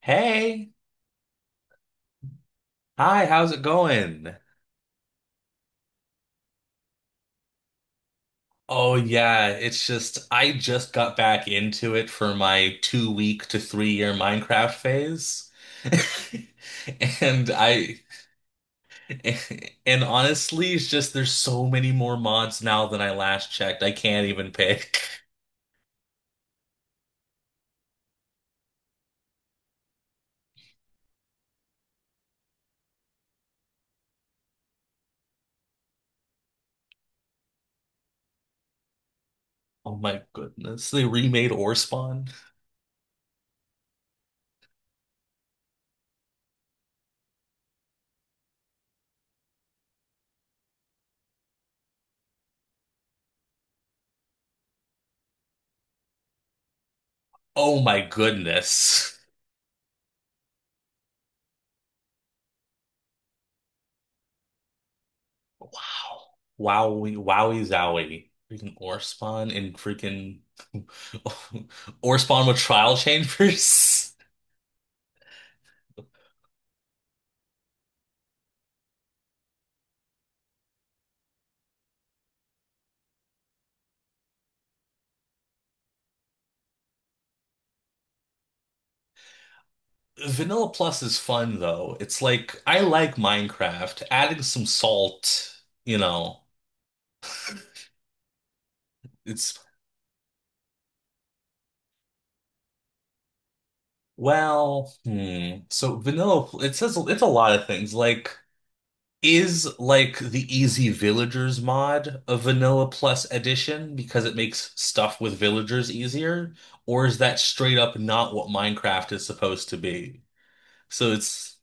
Hey, hi, how's it going? Oh yeah, it's just I just got back into it for my 2-week to 3-year Minecraft phase. And I and honestly, it's just there's so many more mods now than I last checked. I can't even pick. Oh my goodness. They remade Ore Spawn. Oh my goodness. Wow. Wowie, wowie, zowie. Freaking ore and freaking ore with trial chambers. Vanilla Plus is fun though. It's like I like Minecraft. Adding some salt, you know, it's well, hmm. So vanilla, it says it's a lot of things. Like is like the Easy Villagers mod a vanilla plus edition because it makes stuff with villagers easier, or is that straight up not what Minecraft is supposed to be? So it's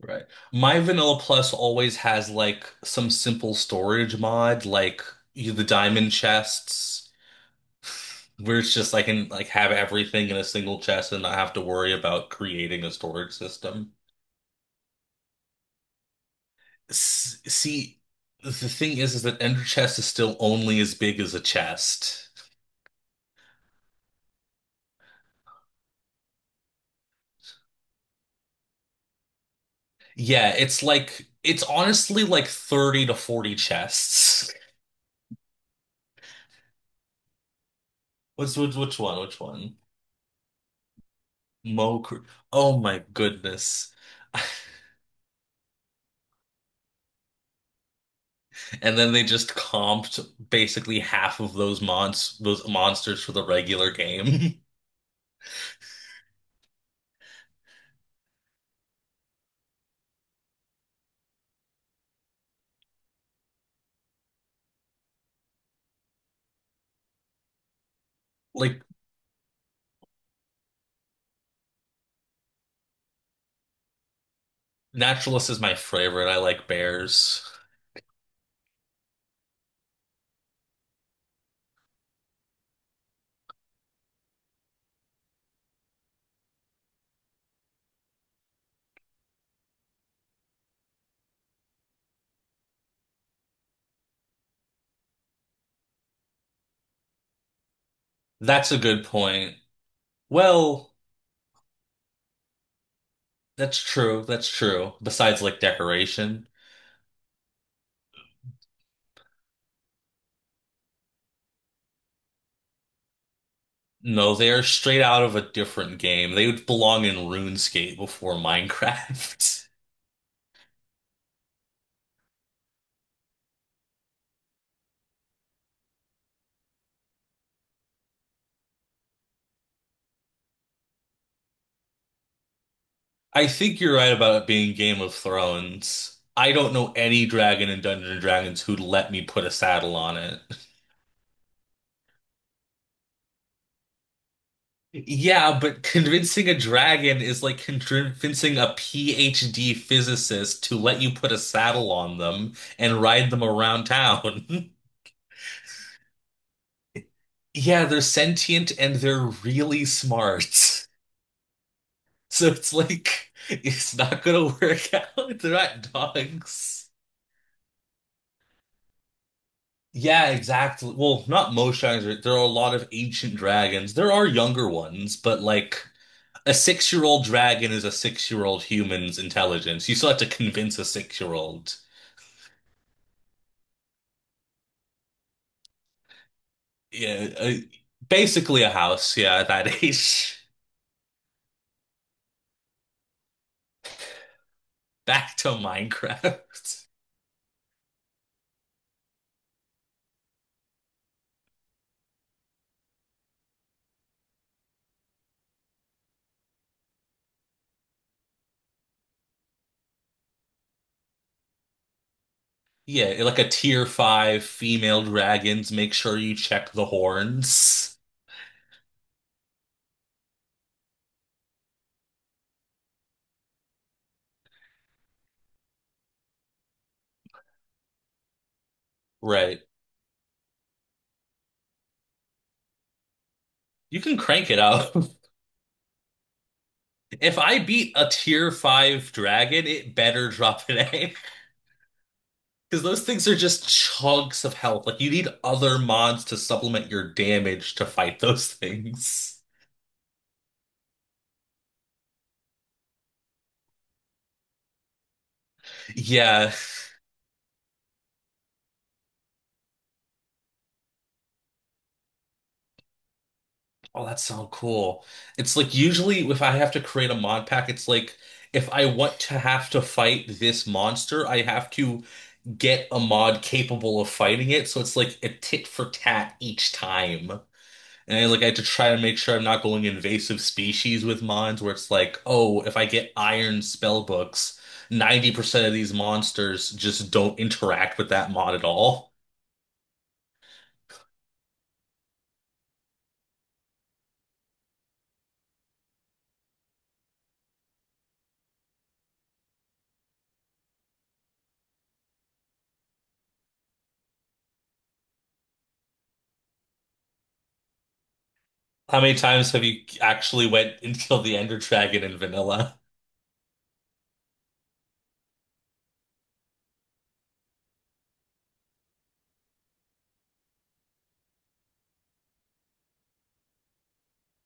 Right. My vanilla plus always has like some simple storage mod, like you, the diamond chests, where it's just I can like have everything in a single chest and not have to worry about creating a storage system. S see, the thing is that Ender Chest is still only as big as a chest. Yeah, it's like it's honestly like 30 to 40 chests. What's Which one? Which one? Mo Cr- Oh my goodness. And then they just comped basically half of those monsters for the regular game. Like, Naturalist is my favorite. I like bears. That's a good point. Well, that's true. That's true. Besides, like, decoration. No, they are straight out of a different game. They would belong in RuneScape before Minecraft. I think you're right about it being Game of Thrones. I don't know any dragon in Dungeons and Dragons who'd let me put a saddle on it. Yeah, but convincing a dragon is like convincing a PhD physicist to let you put a saddle on them and ride them around town. Yeah, they're sentient and they're really smart. So it's like, it's not gonna work out. They're not dogs. Yeah, exactly. Well, not most dragons, right? There are a lot of ancient dragons. There are younger ones, but like a 6-year-old dragon is a 6-year-old human's intelligence. You still have to convince a 6-year-old. Yeah, basically a house. Yeah, at that age. Back to Minecraft. Yeah, like a tier 5 female dragons. Make sure you check the horns. Right. You can crank it up. If I beat a tier 5 dragon, it better drop an egg. Because those things are just chunks of health. Like you need other mods to supplement your damage to fight those things. Yeah. Oh, that's so cool. It's like usually if I have to create a mod pack, it's like if I want to have to fight this monster, I have to get a mod capable of fighting it. So it's like a tit for tat each time. And I like I had to try to make sure I'm not going invasive species with mines where it's like, oh, if I get iron spell books, 90% of these monsters just don't interact with that mod at all. How many times have you actually went and killed the Ender Dragon in vanilla?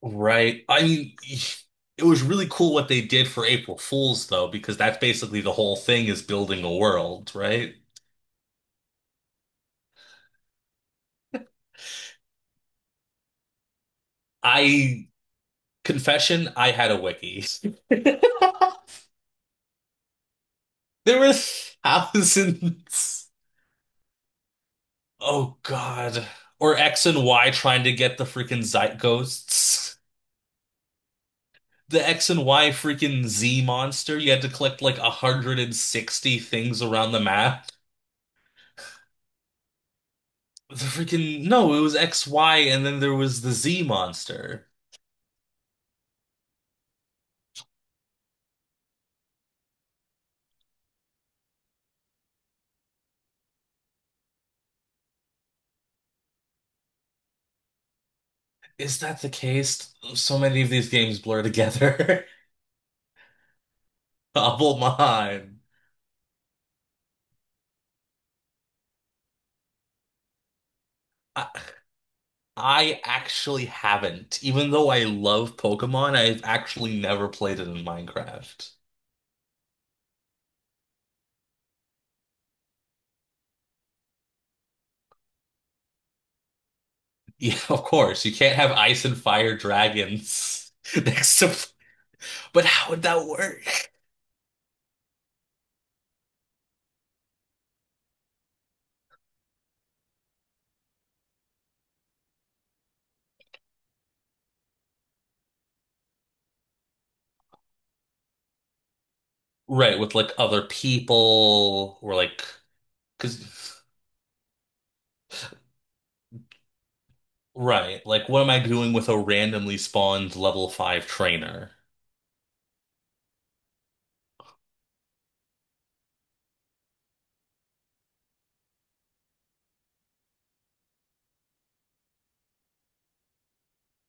Right. I mean, it was really cool what they did for April Fools though, because that's basically the whole thing is building a world, right? I confession, I had a wiki. There were thousands. Oh God. Or X and Y trying to get the freaking Zeitghosts. The X and Y freaking Z monster. You had to collect like 160 things around the map. The freaking No, it was X, Y, and then there was the Z monster. Is that the case? So many of these games blur together. Double mind. I, I actually haven't. Even though I love Pokemon, I've actually never played it in Minecraft. Yeah, of course. You can't have ice and fire dragons next to. But how would that work? Right, with like other people or like, because, right, like what am I doing with a randomly spawned level 5 trainer?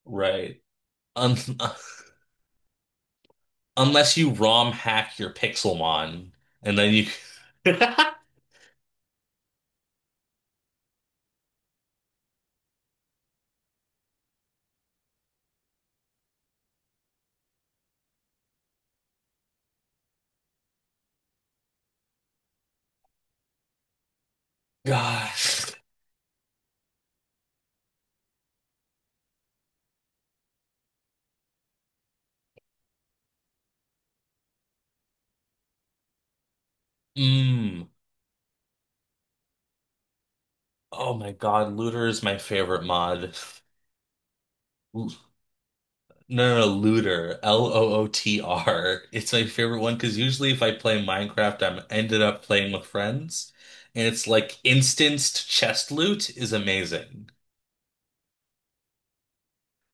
Right. Un unless you ROM hack your Pixelmon and then you. Gosh. Mm. Oh my God, Looter is my favorite mod. No, no, no, looter. LOOTR. It's my favorite one because usually if I play Minecraft, I'm ended up playing with friends, and it's like instanced chest loot is amazing.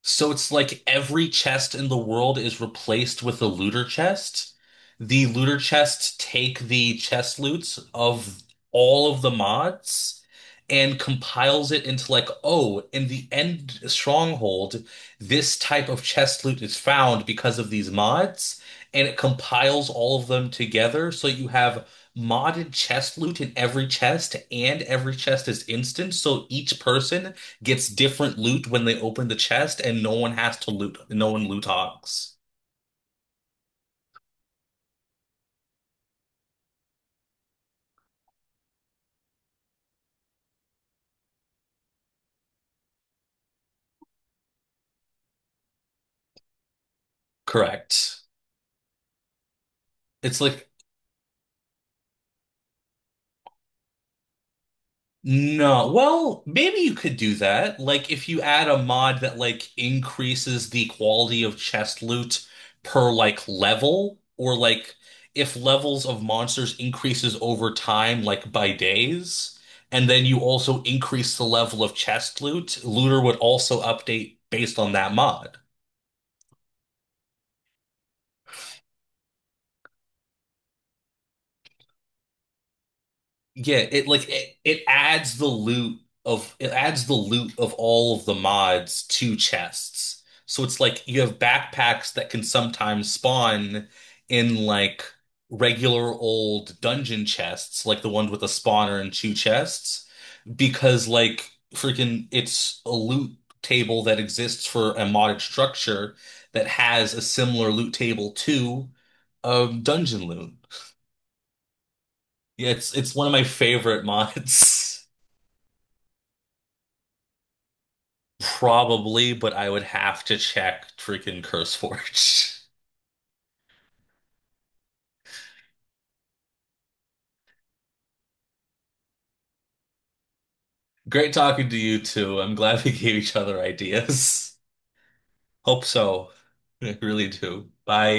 So it's like every chest in the world is replaced with a looter chest. The looter chests take the chest loots of all of the mods and compiles it into like, oh, in the end stronghold, this type of chest loot is found because of these mods, and it compiles all of them together so you have modded chest loot in every chest, and every chest is instant, so each person gets different loot when they open the chest, and no one has to loot. No one loot hogs. Correct. It's like no. Well, maybe you could do that. Like if you add a mod that like increases the quality of chest loot per like level, or like if levels of monsters increases over time, like by days, and then you also increase the level of chest loot, looter would also update based on that mod. Yeah, it adds the loot of all of the mods to chests. So it's like you have backpacks that can sometimes spawn in like regular old dungeon chests, like the ones with a spawner and two chests, because like freaking it's a loot table that exists for a modded structure that has a similar loot table to dungeon loot. Yeah, it's one of my favorite mods. Probably, but I would have to check freaking CurseForge. Great talking to you too. I'm glad we gave each other ideas. Hope so. I really do. Bye.